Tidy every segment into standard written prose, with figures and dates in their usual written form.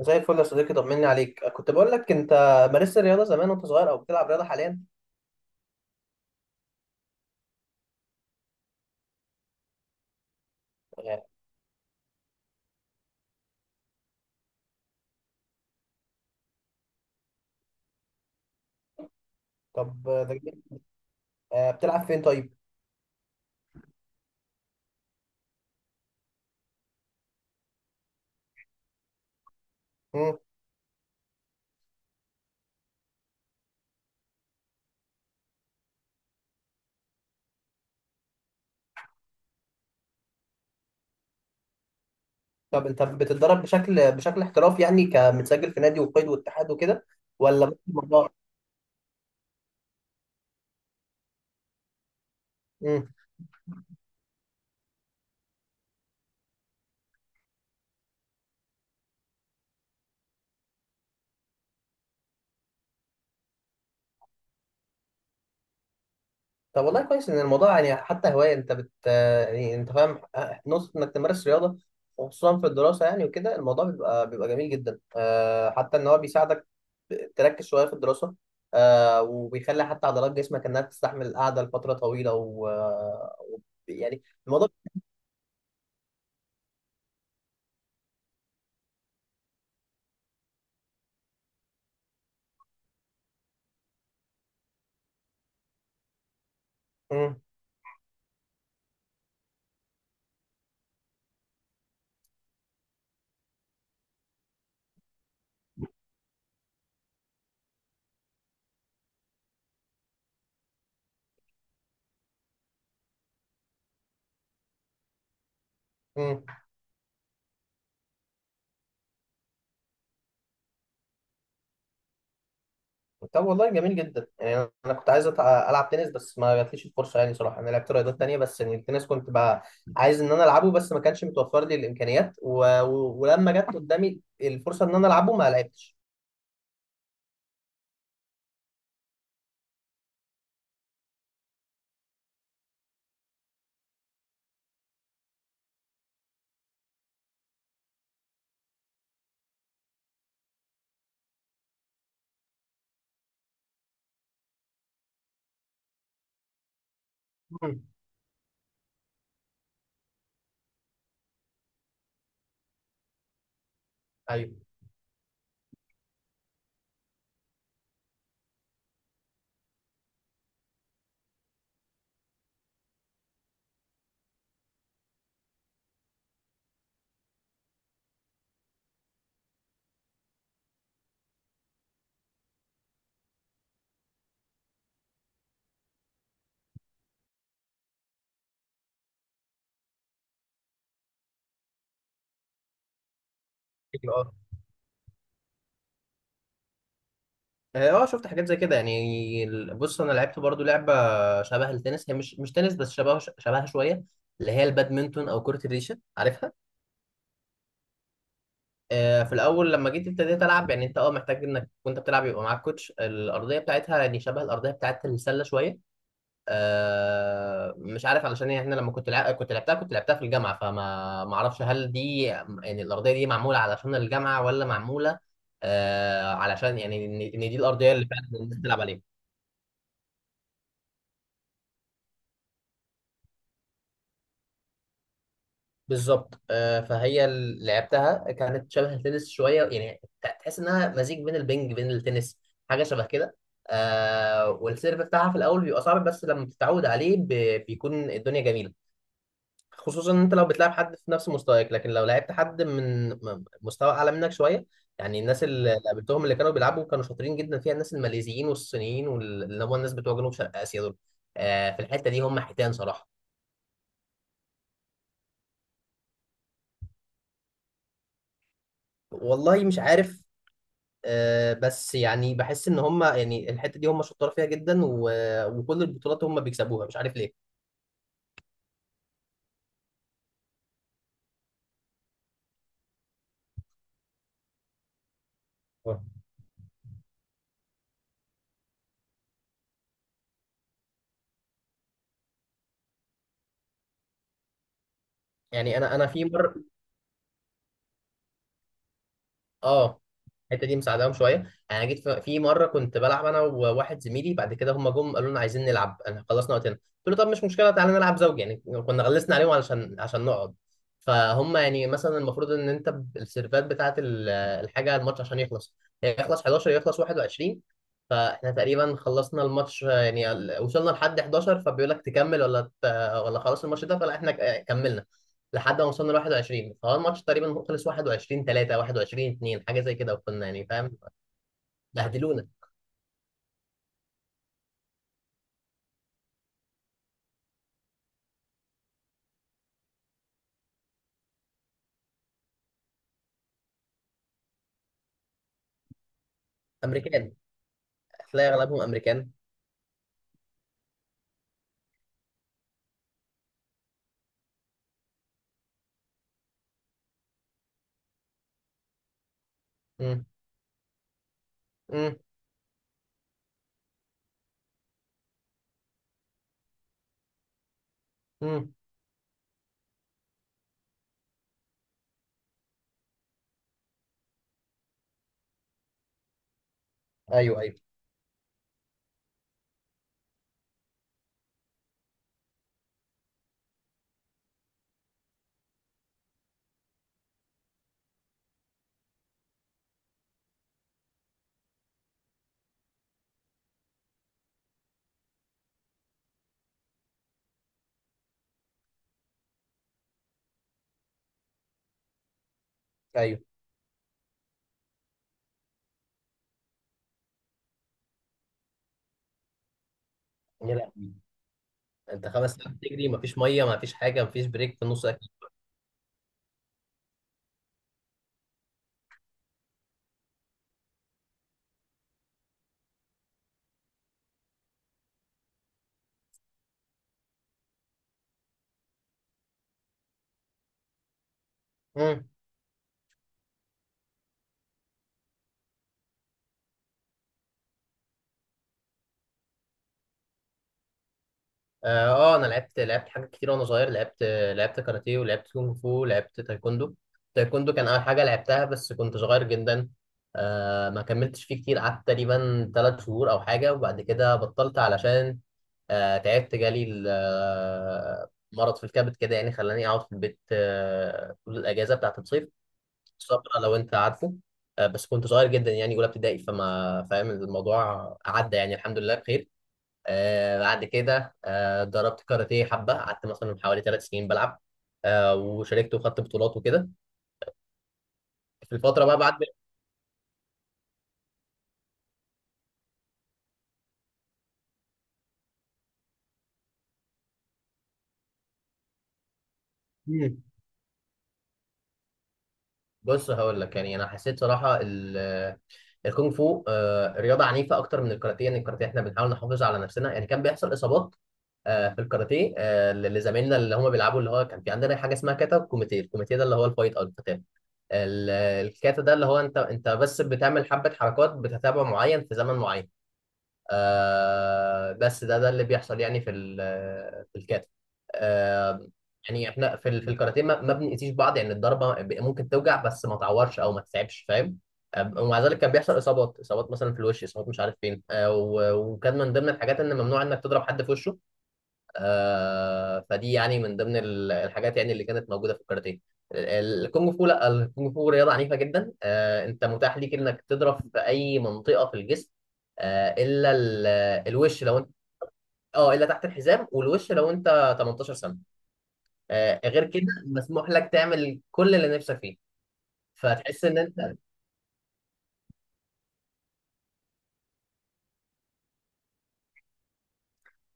زي الفل يا صديقي، طمني عليك. كنت بقول لك، انت مارست الرياضه زمان وانت صغير، او بتلعب رياضه حاليا؟ يعني. طب، ده جميل. بتلعب فين طيب؟ مم. طب انت بتتدرب بشكل احترافي، يعني كمتسجل في نادي وقيد واتحاد وكده؟ ولا بس الموضوع؟ طب والله كويس ان الموضوع، يعني حتى هوايه، انت يعني انت فاهم، نقطه انك تمارس رياضه، وخصوصا في الدراسه يعني، وكده الموضوع بيبقى جميل جدا. حتى ان هو بيساعدك تركز شويه في الدراسه، وبيخلي حتى عضلات جسمك انها تستحمل القعده لفتره طويله، يعني الموضوع. مم، مم. طب والله جميل جدا، يعني انا كنت عايز العب تنس، بس ما جاتليش الفرصه. يعني صراحه انا لعبت رياضات تانية، بس يعني التنس كنت بقى عايز ان انا العبه، بس ما كانش متوفر لي الامكانيات، ولما جت قدامي الفرصه ان انا العبه ما لعبتش. مم. ايوه. اه. اه شفت حاجات زي كده. يعني بص، انا لعبت برضو لعبه شبه التنس، هي مش تنس بس شبه شبهها شويه، اللي هي البادمنتون او كره الريشه، عارفها. في الاول لما جيت ابتديت العب، يعني انت محتاج انك وانت بتلعب يبقى معاك كوتش. الارضيه بتاعتها يعني شبه الارضيه بتاعت السله شويه. مش عارف، علشان يعني احنا لما كنت كنت لعبتها في الجامعه، فما ما اعرفش هل دي يعني الارضيه دي معموله علشان الجامعه، ولا معموله علشان يعني إن دي الارضيه اللي فعلا الناس بتلعب عليها. بالظبط. فهي لعبتها كانت شبه التنس شويه، يعني تحس انها مزيج بين البنج بين التنس، حاجه شبه كده. والسيرف بتاعها في الاول بيبقى صعب، بس لما بتتعود عليه بيكون الدنيا جميله، خصوصا ان انت لو بتلعب حد في نفس مستواك، لكن لو لعبت حد من مستوى اعلى منك شويه، يعني الناس اللي قابلتهم اللي كانوا بيلعبوا كانوا شاطرين جدا فيها. الناس الماليزيين والصينيين، واللي هم الناس بتوع جنوب شرق اسيا دول، في الحته دي هم حيتان صراحه. والله مش عارف. بس يعني بحس ان هم، يعني الحته دي هم شطار فيها جدا، وكل البطولات هم بيكسبوها. مش عارف ليه. آه. يعني انا في مره. اه الحته دي مساعداهم شويه يعني. أنا جيت في مره كنت بلعب انا وواحد زميلي، بعد كده هم جم قالوا لنا عايزين نلعب. انا خلصنا وقتنا، قلت له طب مش مشكله، تعالى نلعب زوجي يعني. كنا غلسنا عليهم عشان نقعد. فهم يعني مثلا المفروض ان انت السيرفات بتاعه الحاجه، الماتش عشان يخلص، يخلص 11، يخلص 21. فاحنا تقريبا خلصنا الماتش، يعني وصلنا لحد 11. فبيقول لك تكمل ولا ولا خلاص الماتش ده؟ فلا احنا كملنا لحد ما وصلنا ل 21، فهو الماتش تقريبا خلص 21 3، 21 2، حاجه زي كده، وكنا يعني فاهم، بهدلونا. امريكان. هتلاقي اغلبهم امريكان. امم، امم، امم. ايوه، ايوه، ايوه. يا لهوي! انت 5 ساعات بتجري؟ مفيش ميه؟ مفيش حاجه؟ مفيش بريك في النص؟ اكل. اه. انا لعبت حاجات كتير وانا صغير. لعبت لعبت كاراتيه، ولعبت كونغ فو، ولعبت تايكوندو. تايكوندو كان اول حاجه لعبتها، بس كنت صغير جدا. ما كملتش فيه كتير، قعدت تقريبا 3 شهور او حاجه، وبعد كده بطلت. علشان تعبت، جالي مرض في الكبد كده، يعني خلاني اقعد في البيت طول الاجازه بتاعت الصيف. الصبر، لو انت عارفه. بس كنت صغير جدا، يعني اولى ابتدائي، فما فاهم. الموضوع عدى يعني، الحمد لله بخير. بعد كده ضربت كاراتيه حبة، قعدت مثلا حوالي 3 سنين بلعب. وشاركت وخدت بطولات وكده في الفترة بقى بعد. مم. بص هقول لك، يعني انا حسيت صراحة الكونغ فو رياضة عنيفة اكتر من الكاراتيه. يعني الكاراتيه احنا بنحاول نحافظ على نفسنا، يعني كان بيحصل اصابات. في الكاراتيه، لزمايلنا اللي هم بيلعبوا، اللي هو كان في عندنا حاجة اسمها كاتا وكوميتيه. الكوميتيه ده اللي هو الفايت او القتال. ال- الكاتا ده اللي هو انت بس بتعمل حبة حركات، بتتابع معين في زمن معين. بس ده اللي بيحصل، يعني في الكاتا. آه يعني احنا في الكاراتيه ما بنأذيش بعض، يعني الضربه ممكن توجع، بس ما تعورش او ما تتعبش، فاهم. ومع ذلك كان بيحصل اصابات، اصابات مثلا في الوش، اصابات مش عارف فين، وكان من ضمن الحاجات ان ممنوع انك تضرب حد في وشه. فدي يعني من ضمن الحاجات، يعني اللي كانت موجوده في الكاراتيه. الكونج فو، لا، الكونج فو رياضه عنيفه جدا. انت متاح ليك انك تضرب في اي منطقه في الجسم، الا الوش، لو انت، اه، الا تحت الحزام. والوش لو انت 18 سنه. غير كده مسموح لك تعمل كل اللي نفسك فيه. فتحس ان انت،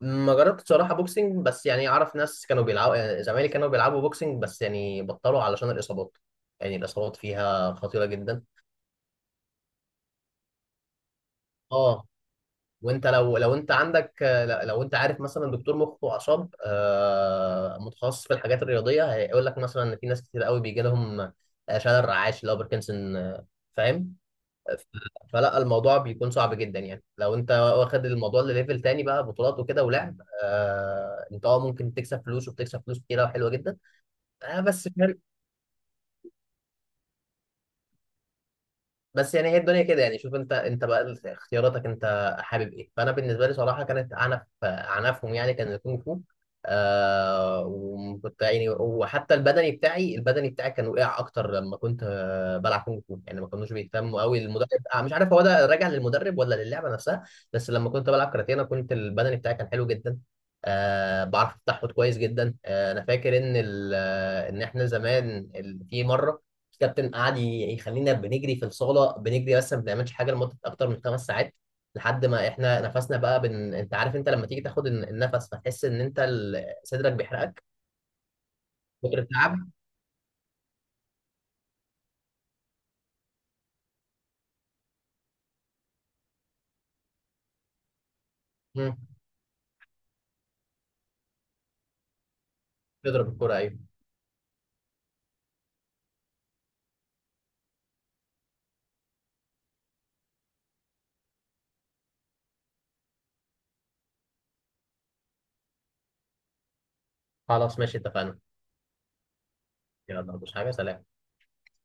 ما جربتش صراحه بوكسنج، بس يعني اعرف ناس كانوا بيلعبوا، يعني زمايلي كانوا بيلعبوا بوكسنج، بس يعني بطلوا علشان الاصابات. يعني الاصابات فيها خطيره جدا. اه. وانت لو انت عندك، لو انت عارف مثلا دكتور مخ واعصاب متخصص في الحاجات الرياضيه، هيقول لك مثلا ان في ناس كتير قوي بيجي لهم شلل رعاش، اللي هو باركنسون، فاهم. فلا الموضوع بيكون صعب جدا، يعني لو انت واخد الموضوع لليفل تاني بقى، بطولات وكده ولعب، انت ممكن تكسب فلوس، وبتكسب فلوس كتيره وحلوه جدا. آه، بس بس يعني هي الدنيا كده. يعني شوف انت بقى اختياراتك، انت حابب ايه. فانا بالنسبه لي صراحه كانت عنفهم يعني. كان الكونغ فو وكنت يعني، وحتى البدني بتاعي كان وقع اكتر لما كنت بلعب كونغ فو. يعني ما كانوش بيهتموا قوي المدرب. مش عارف هو ده راجع للمدرب ولا للعبه نفسها. بس لما كنت بلعب كاراتيه، انا كنت البدني بتاعي كان حلو جدا. بعرف التحوط كويس جدا. انا فاكر ان احنا زمان في مره الكابتن قعد يخلينا بنجري في الصاله، بنجري بس ما بنعملش حاجه لمده اكتر من 5 ساعات، لحد ما احنا نفسنا بقى انت عارف انت لما تيجي تاخد النفس، فتحس ان انت صدرك بيحرقك، فكره تعب. مم. تضرب الكوره، ايوه. خلاص ماشي، اتفقنا. يلا، مش حاجه، سلام.